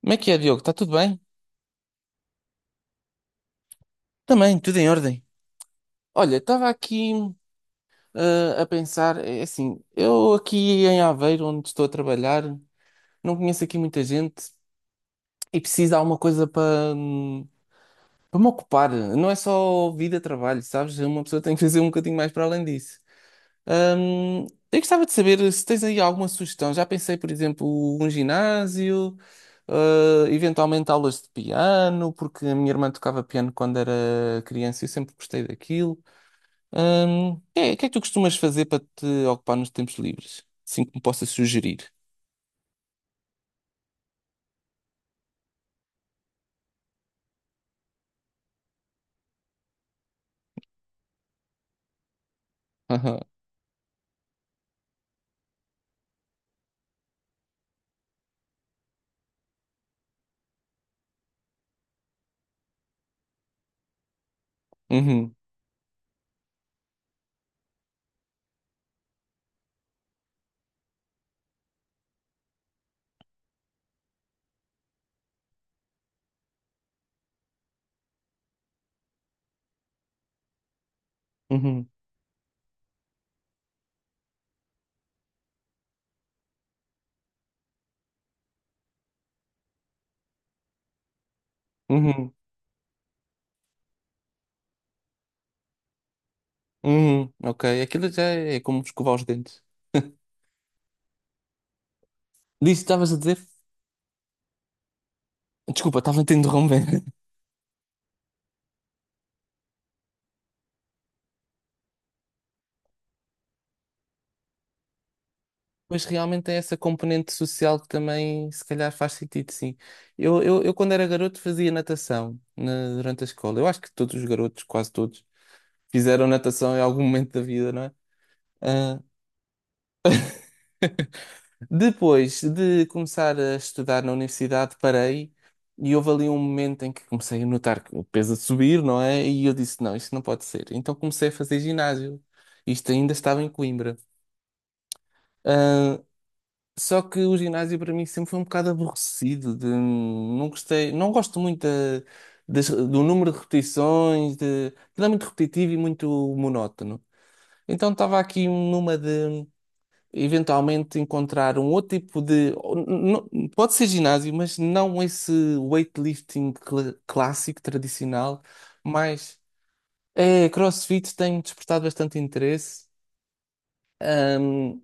Como é que é, Diogo? Está tudo bem? Também, tudo em ordem. Olha, estava aqui a pensar, é assim, eu aqui em Aveiro, onde estou a trabalhar, não conheço aqui muita gente e preciso de alguma coisa para para me ocupar. Não é só vida, trabalho, sabes? Uma pessoa tem que fazer um bocadinho mais para além disso. Hum, eu gostava de saber se tens aí alguma sugestão. Já pensei, por exemplo, um ginásio, eventualmente aulas de piano, porque a minha irmã tocava piano quando era criança e eu sempre gostei daquilo. O que é que tu costumas fazer para te ocupar nos tempos livres? Assim que me possas sugerir. Aham. Uhum, uhum, uhum, uhum. Ok, aquilo já é como escovar os dentes. Disse, estavas a dizer? Desculpa, estava a te interromper. Mas realmente é essa componente social que também, se calhar, faz sentido, sim. Eu quando era garoto, fazia natação na- durante a escola. Eu acho que todos os garotos, quase todos, fizeram natação em algum momento da vida, não é? Ah, depois de começar a estudar na universidade, parei e houve ali um momento em que comecei a notar que o peso a subir, não é? E eu disse: não, isto não pode ser. Então comecei a fazer ginásio. Isto ainda estava em Coimbra. Ah, só que o ginásio para mim sempre foi um bocado aborrecido, de- não gostei, não gosto muito da- das- do número de repetições, de, aquilo é muito repetitivo e muito monótono. Então estava aqui numa de eventualmente encontrar um outro tipo de, ou n- n- pode ser ginásio, mas não esse weightlifting cla- clássico, tradicional, mas é, CrossFit tem despertado bastante interesse. Ahm,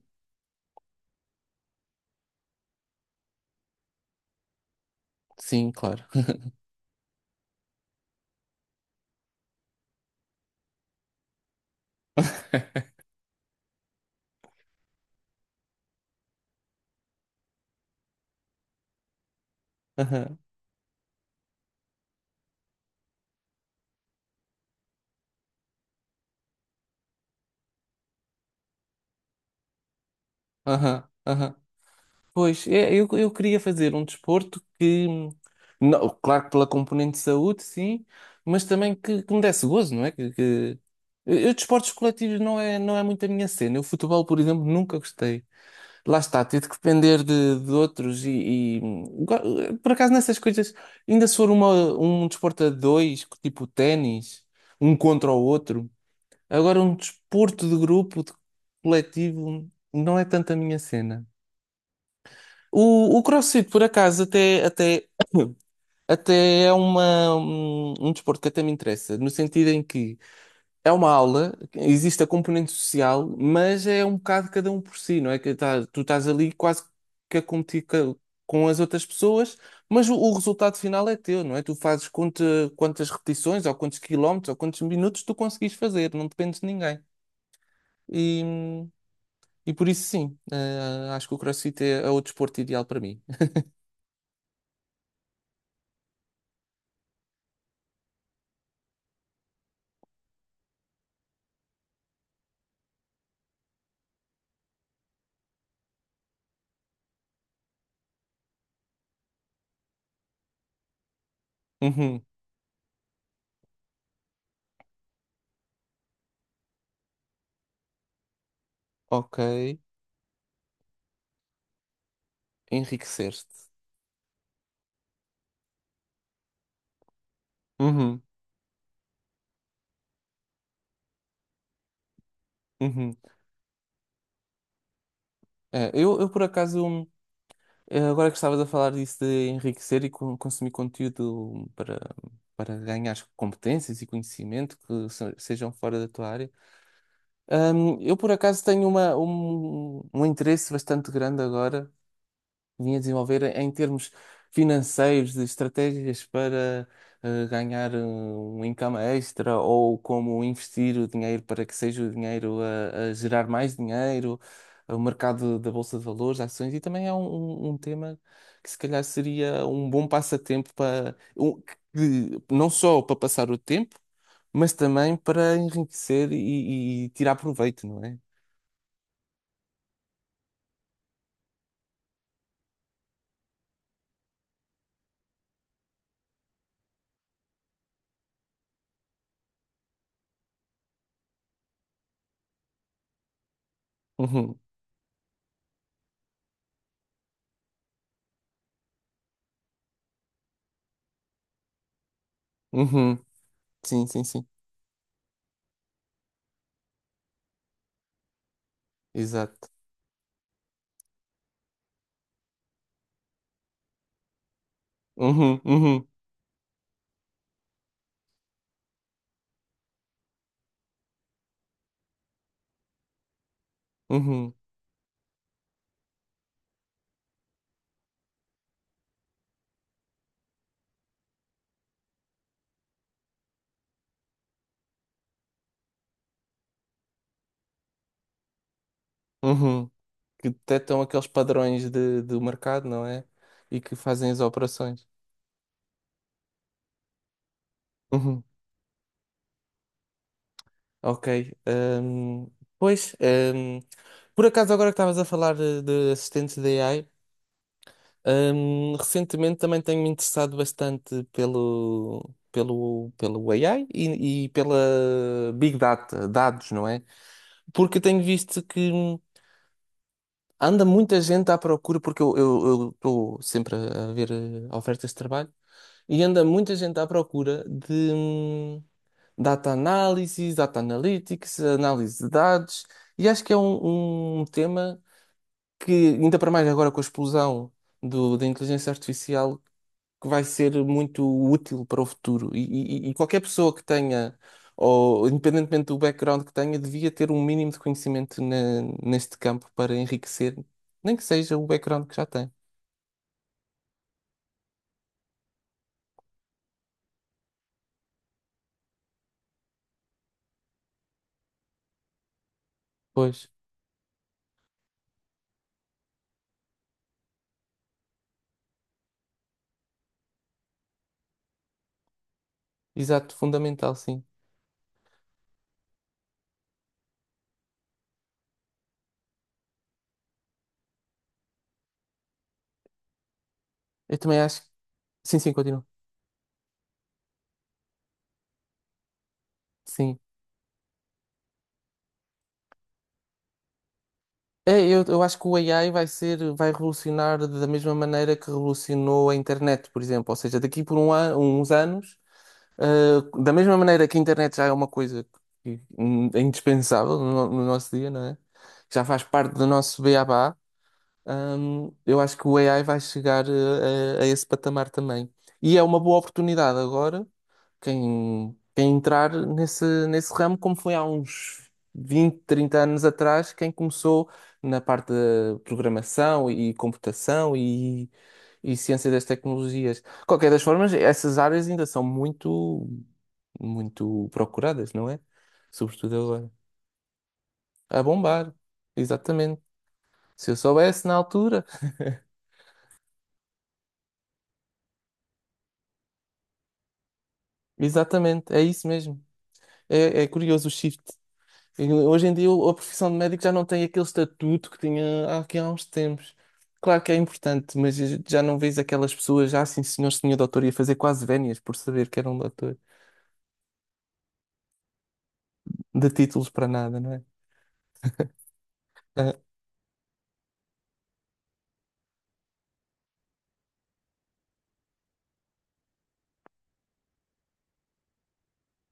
sim, claro. Aham, aham, aham. Pois, é, eu queria fazer um desporto que, não, claro que pela componente de saúde, sim, mas também que me desse gozo, não é? Que... Eu desportos coletivos não é, não é muito a minha cena. Eu futebol, por exemplo, nunca gostei. Lá está, ter de depender de outros e, go- por acaso nessas coisas, ainda se for uma, um desporto a dois, tipo ténis, um contra o outro, agora um desporto de grupo, de coletivo, não é tanto a minha cena. O CrossFit, por acaso, até, até, até é uma, um desporto que até me interessa, no sentido em que é uma aula, existe a componente social, mas é um bocado cada um por si, não é? Que tá- tu estás ali quase que a competir ca- com as outras pessoas, mas o resultado final é teu, não é? Tu fazes quanta- quantas repetições, ou quantos quilómetros, ou quantos minutos tu conseguis fazer, não dependes de ninguém. E, e por isso, sim, acho que o CrossFit é, é o desporto ideal para mim. Ok, enriqueceste. Uhum, uhum. É, eu por acaso, agora que estavas a falar disso de enriquecer e con- consumir conteúdo para, para ganhar competências e conhecimento que se- sejam fora da tua área, eu por acaso tenho uma, um interesse bastante grande agora vim a desenvolver em termos financeiros, de estratégias para ganhar um income extra ou como investir o dinheiro para que seja o dinheiro a gerar mais dinheiro, o mercado da Bolsa de Valores, ações, e também é um, um- um tema que se calhar seria um bom passatempo para um- que- não só para passar o tempo, mas também para enriquecer e tirar proveito, não é? Uhum, uhum, sim, sim, sim, exato. Uhum, uhum, uhum. Uhum. Que detectam aqueles padrões de, do mercado, não é? E que fazem as operações. Uhum. Ok. Ahm, pois, por acaso, agora que estavas a falar de assistentes de AI, recentemente também tenho-me interessado bastante pelo, pelo, pelo AI e pela Big Data, dados, não é? Porque tenho visto que. Anda muita gente à procura, porque eu estou sempre a ver ofertas de trabalho, e anda muita gente à procura de data analysis, data analytics, análise de dados, e acho que é um, um tema que, ainda para mais agora com a explosão do, da inteligência artificial, que vai ser muito útil para o futuro. E qualquer pessoa que tenha, ou independentemente do background que tenha, devia ter um mínimo de conhecimento na- neste campo para enriquecer, nem que seja o background que já tem. Pois, exato, fundamental, sim. Eu também acho. Sim, sim, continua. Sim. É, eu acho que o AI vai ser, vai revolucionar da mesma maneira que revolucionou a internet, por exemplo. Ou seja, daqui por um an, uns anos da mesma maneira que a internet já é uma coisa que, é indispensável no, no nosso dia, não é? Já faz parte do nosso beabá, eu acho que o AI vai chegar a esse patamar também. E é uma boa oportunidade agora quem, quem entrar nesse, nesse ramo, como foi há uns 20 ou 30 anos atrás, quem começou na parte de programação e computação e ciência das tecnologias. De qualquer das formas, essas áreas ainda são muito, muito procuradas, não é? Sobretudo agora. A bombar, exatamente. Se eu soubesse na altura, exatamente, é isso mesmo. É, é curioso o shift. E hoje em dia o- a profissão de médico já não tem aquele estatuto que tinha há- aqui há uns tempos. Claro que é importante, mas já não vês aquelas pessoas, já assim, senhor, senhor doutor, ia fazer quase vénias por saber que era um doutor, de títulos para nada, não é? É,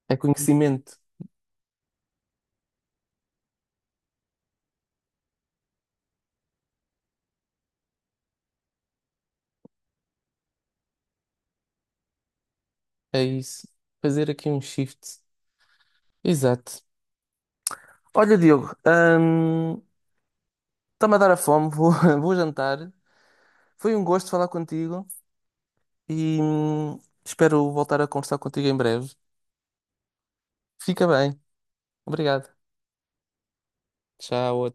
é conhecimento, é isso. Fazer aqui um shift. Exato. Olha, Diogo, está-me a dar a fome, vou, vou jantar. Foi um gosto falar contigo e espero voltar a conversar contigo em breve. Fica bem. Obrigado. Tchau.